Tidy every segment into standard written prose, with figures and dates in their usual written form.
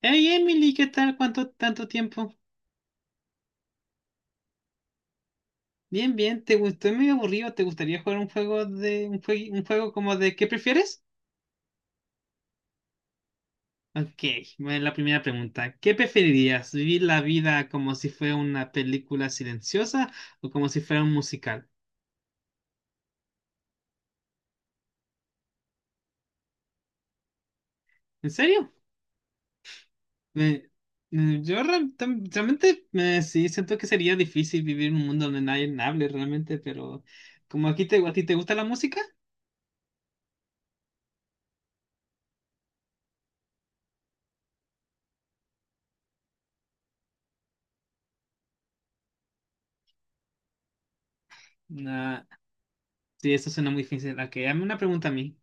Hey Emily, ¿qué tal? ¿Cuánto tanto tiempo? Bien, bien, ¿te gustó? Es medio aburrido. ¿Te gustaría jugar un juego de un juego como de ¿qué prefieres? Ok, bueno, la primera pregunta. ¿Qué preferirías? ¿Vivir la vida como si fuera una película silenciosa o como si fuera un musical? ¿En serio? Me- Realmente sí siento que sería difícil vivir en un mundo donde nadie hable realmente, pero como aquí a ti te gusta la música, nah, sí, eso suena muy difícil. Ok, dame una pregunta a mí.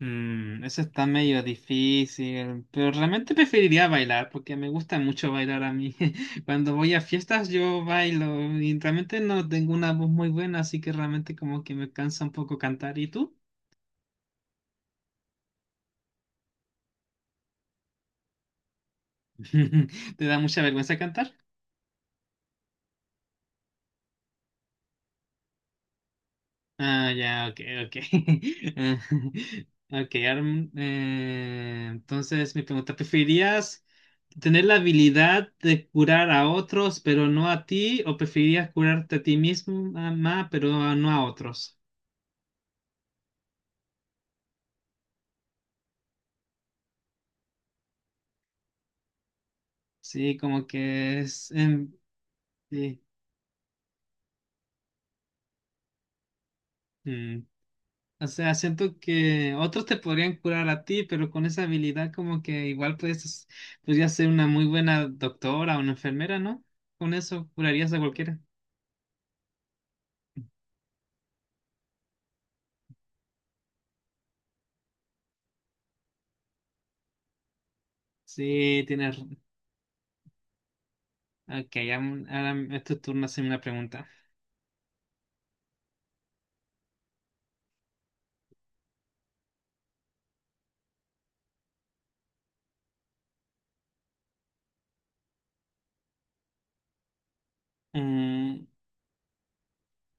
Mm, eso está medio difícil, pero realmente preferiría bailar porque me gusta mucho bailar a mí. Cuando voy a fiestas yo bailo y realmente no tengo una voz muy buena, así que realmente como que me cansa un poco cantar. ¿Y tú? ¿Te da mucha vergüenza? Ah, ya, ok, ok. Ah, ok, entonces mi pregunta, ¿preferirías tener la habilidad de curar a otros, pero no a ti? ¿O preferirías curarte a ti mismo, mamá, pero no a otros? Sí, como que sí, mm. O sea, siento que otros te podrían curar a ti, pero con esa habilidad como que igual podrías ser una muy buena doctora o una enfermera, ¿no? Con eso curarías a cualquiera. Sí, tienes... Ok, ahora es tu turno hacerme una pregunta. Mm,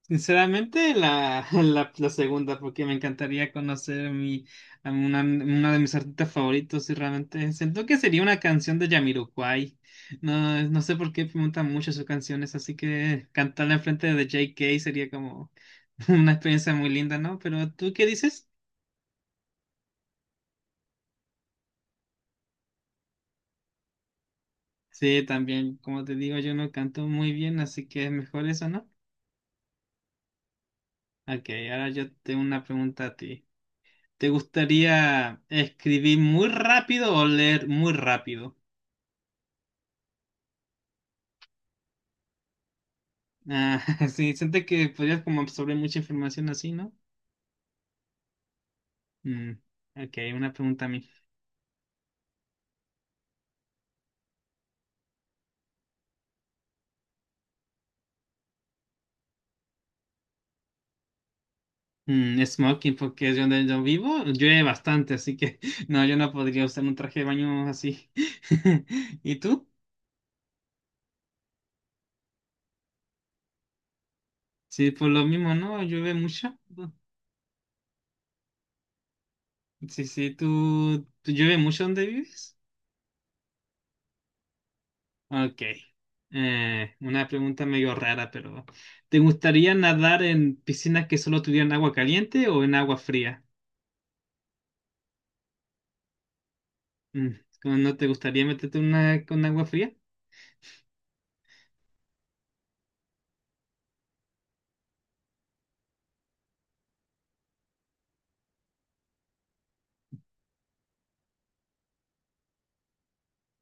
sinceramente, la segunda, porque me encantaría conocer a una, uno de mis artistas favoritos y realmente siento que sería una canción de Jamiroquai. No, no sé por qué preguntan mucho sus canciones, así que cantarla enfrente de JK sería como una experiencia muy linda, ¿no? Pero ¿tú qué dices? Sí, también, como te digo, yo no canto muy bien, así que es mejor eso, ¿no? Ok, ahora yo tengo una pregunta a ti. ¿Te gustaría escribir muy rápido o leer muy rápido? Ah, sí, siente que podrías como absorber mucha información así, ¿no? Mm, ok, una pregunta a mí. Mm, smoking, porque es donde yo vivo, llueve bastante, así que no, yo no podría usar un traje de baño así. ¿Y tú? Sí, por lo mismo, ¿no? ¿Llueve mucho? Sí, sí, tú llueve mucho donde vives? Ok. Una pregunta medio rara, pero ¿te gustaría nadar en piscinas que solo tuvieran agua caliente o en agua fría? Mm, ¿cómo? ¿No te gustaría meterte en una con agua fría?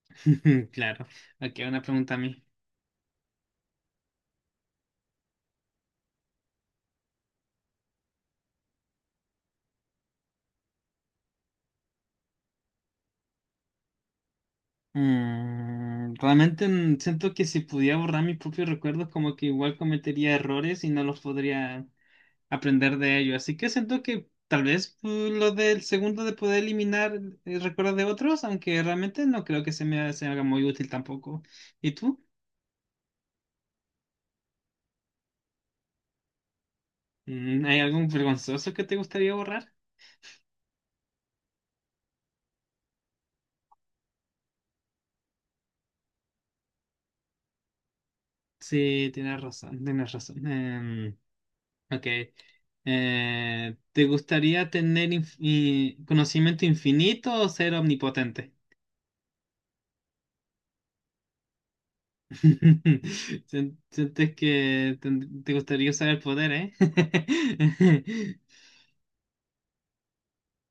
Claro. Ok, una pregunta a mí. Siento que si pudiera borrar mis propios recuerdos, como que igual cometería errores y no los podría aprender de ello. Así que siento que tal vez lo del segundo de poder eliminar recuerdos de otros, aunque realmente no creo que se me haga muy útil tampoco. ¿Y tú? Mm, ¿hay algún vergonzoso que te gustaría borrar? Sí, tienes razón, tienes razón. Em, ok. ¿Te gustaría tener conocimiento infinito o ser omnipotente? Sientes que te gustaría usar el poder, ¿eh?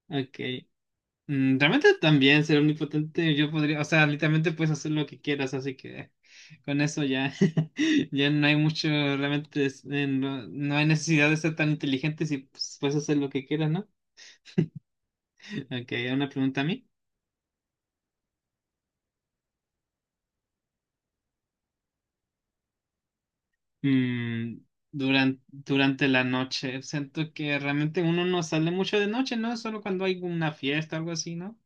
Ok. Mm, realmente también ser omnipotente, yo podría, o sea, literalmente puedes hacer lo que quieras, así que con eso ya, ya no hay mucho, realmente no hay necesidad de ser tan inteligente si pues, puedes hacer lo que quieras, ¿no? Ok, una pregunta a mí. Durante la noche, siento que realmente uno no sale mucho de noche, ¿no? Solo cuando hay una fiesta o algo así, ¿no?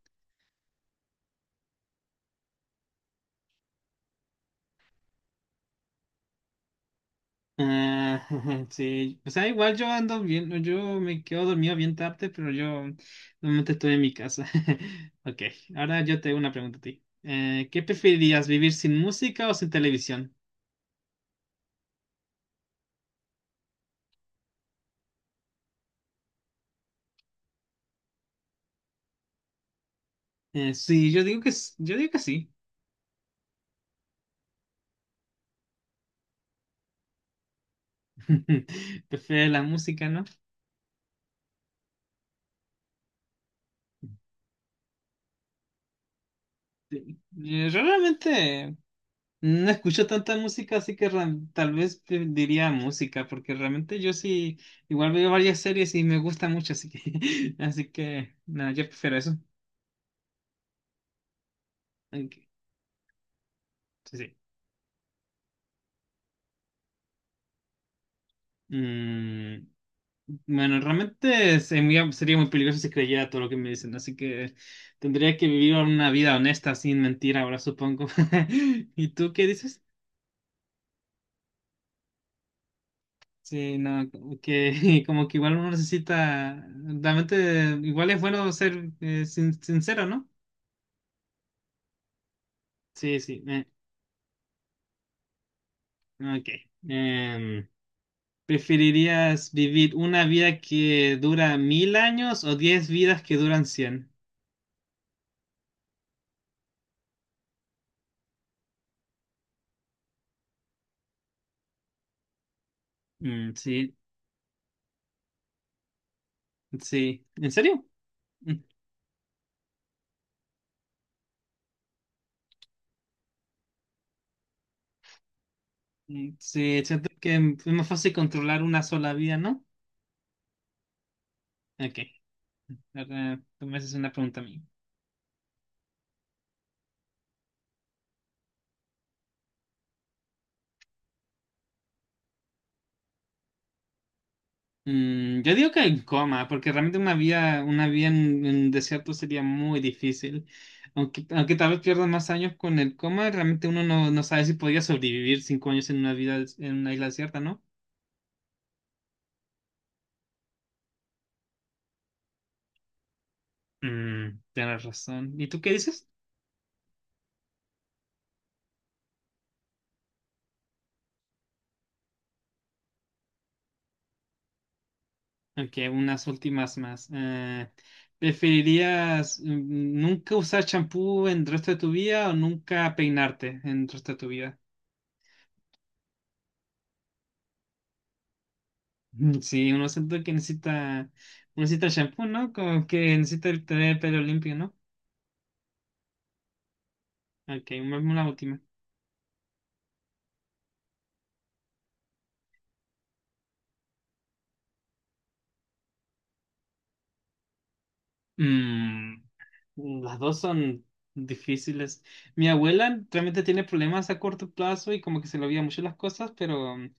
Ah, sí, o sea, igual yo ando bien, yo me quedo dormido bien tarde, pero yo normalmente estoy en mi casa. Ok, ahora yo te hago una pregunta a ti. ¿Qué preferirías, vivir sin música o sin televisión? Sí, yo digo que, yo digo que sí. Prefiero la música, ¿no? Sí. Realmente no escucho tanta música, así que tal vez te diría música, porque realmente yo sí, igual veo varias series y me gusta mucho, así que, así que, no, yo prefiero eso. Ok, sí, sí. Mm, bueno, realmente sería muy peligroso si creyera todo lo que me dicen, así que tendría que vivir una vida honesta, sin mentir ahora, supongo. ¿Y tú qué dices? Sí, no, como que como que igual uno necesita, realmente igual es bueno ser sincero, ¿no? Sí, sí. Eh, ok. Em, ¿preferirías vivir una vida que dura 1000 años o 10 vidas que duran cien? Mm, sí, sí. ¿En serio? Mm, mm, sí, siento que es más fácil controlar una sola vida, ¿no? Ok. Ahora, tú me haces una pregunta a mí. Mm, yo digo que en coma, porque realmente una vida en desierto sería muy difícil. Aunque, aunque tal vez pierdas más años con el coma, realmente uno no, no sabe si podría sobrevivir 5 años en una vida en una isla desierta, ¿no? Mm, tienes razón. ¿Y tú qué dices? Ok, unas últimas más. ¿Preferirías nunca usar champú en el resto de tu vida o nunca peinarte en el resto de tu vida? Mm, sí, uno siente que necesita, uno necesita shampoo, ¿no? Como que necesita el tener el pelo limpio, ¿no? Ok, vamos a la última. Mm, las dos son difíciles. Mi abuela realmente tiene problemas a corto plazo y como que se le olvida mucho las cosas, pero mm,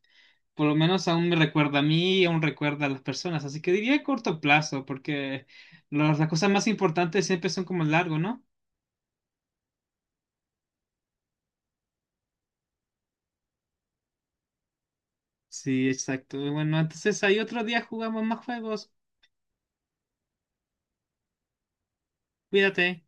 por lo menos aún me recuerda a mí y aún recuerda a las personas. Así que diría corto plazo, porque las cosas más importantes siempre son como largo, ¿no? Sí, exacto. Bueno, entonces ahí otro día jugamos más juegos. Cuídate.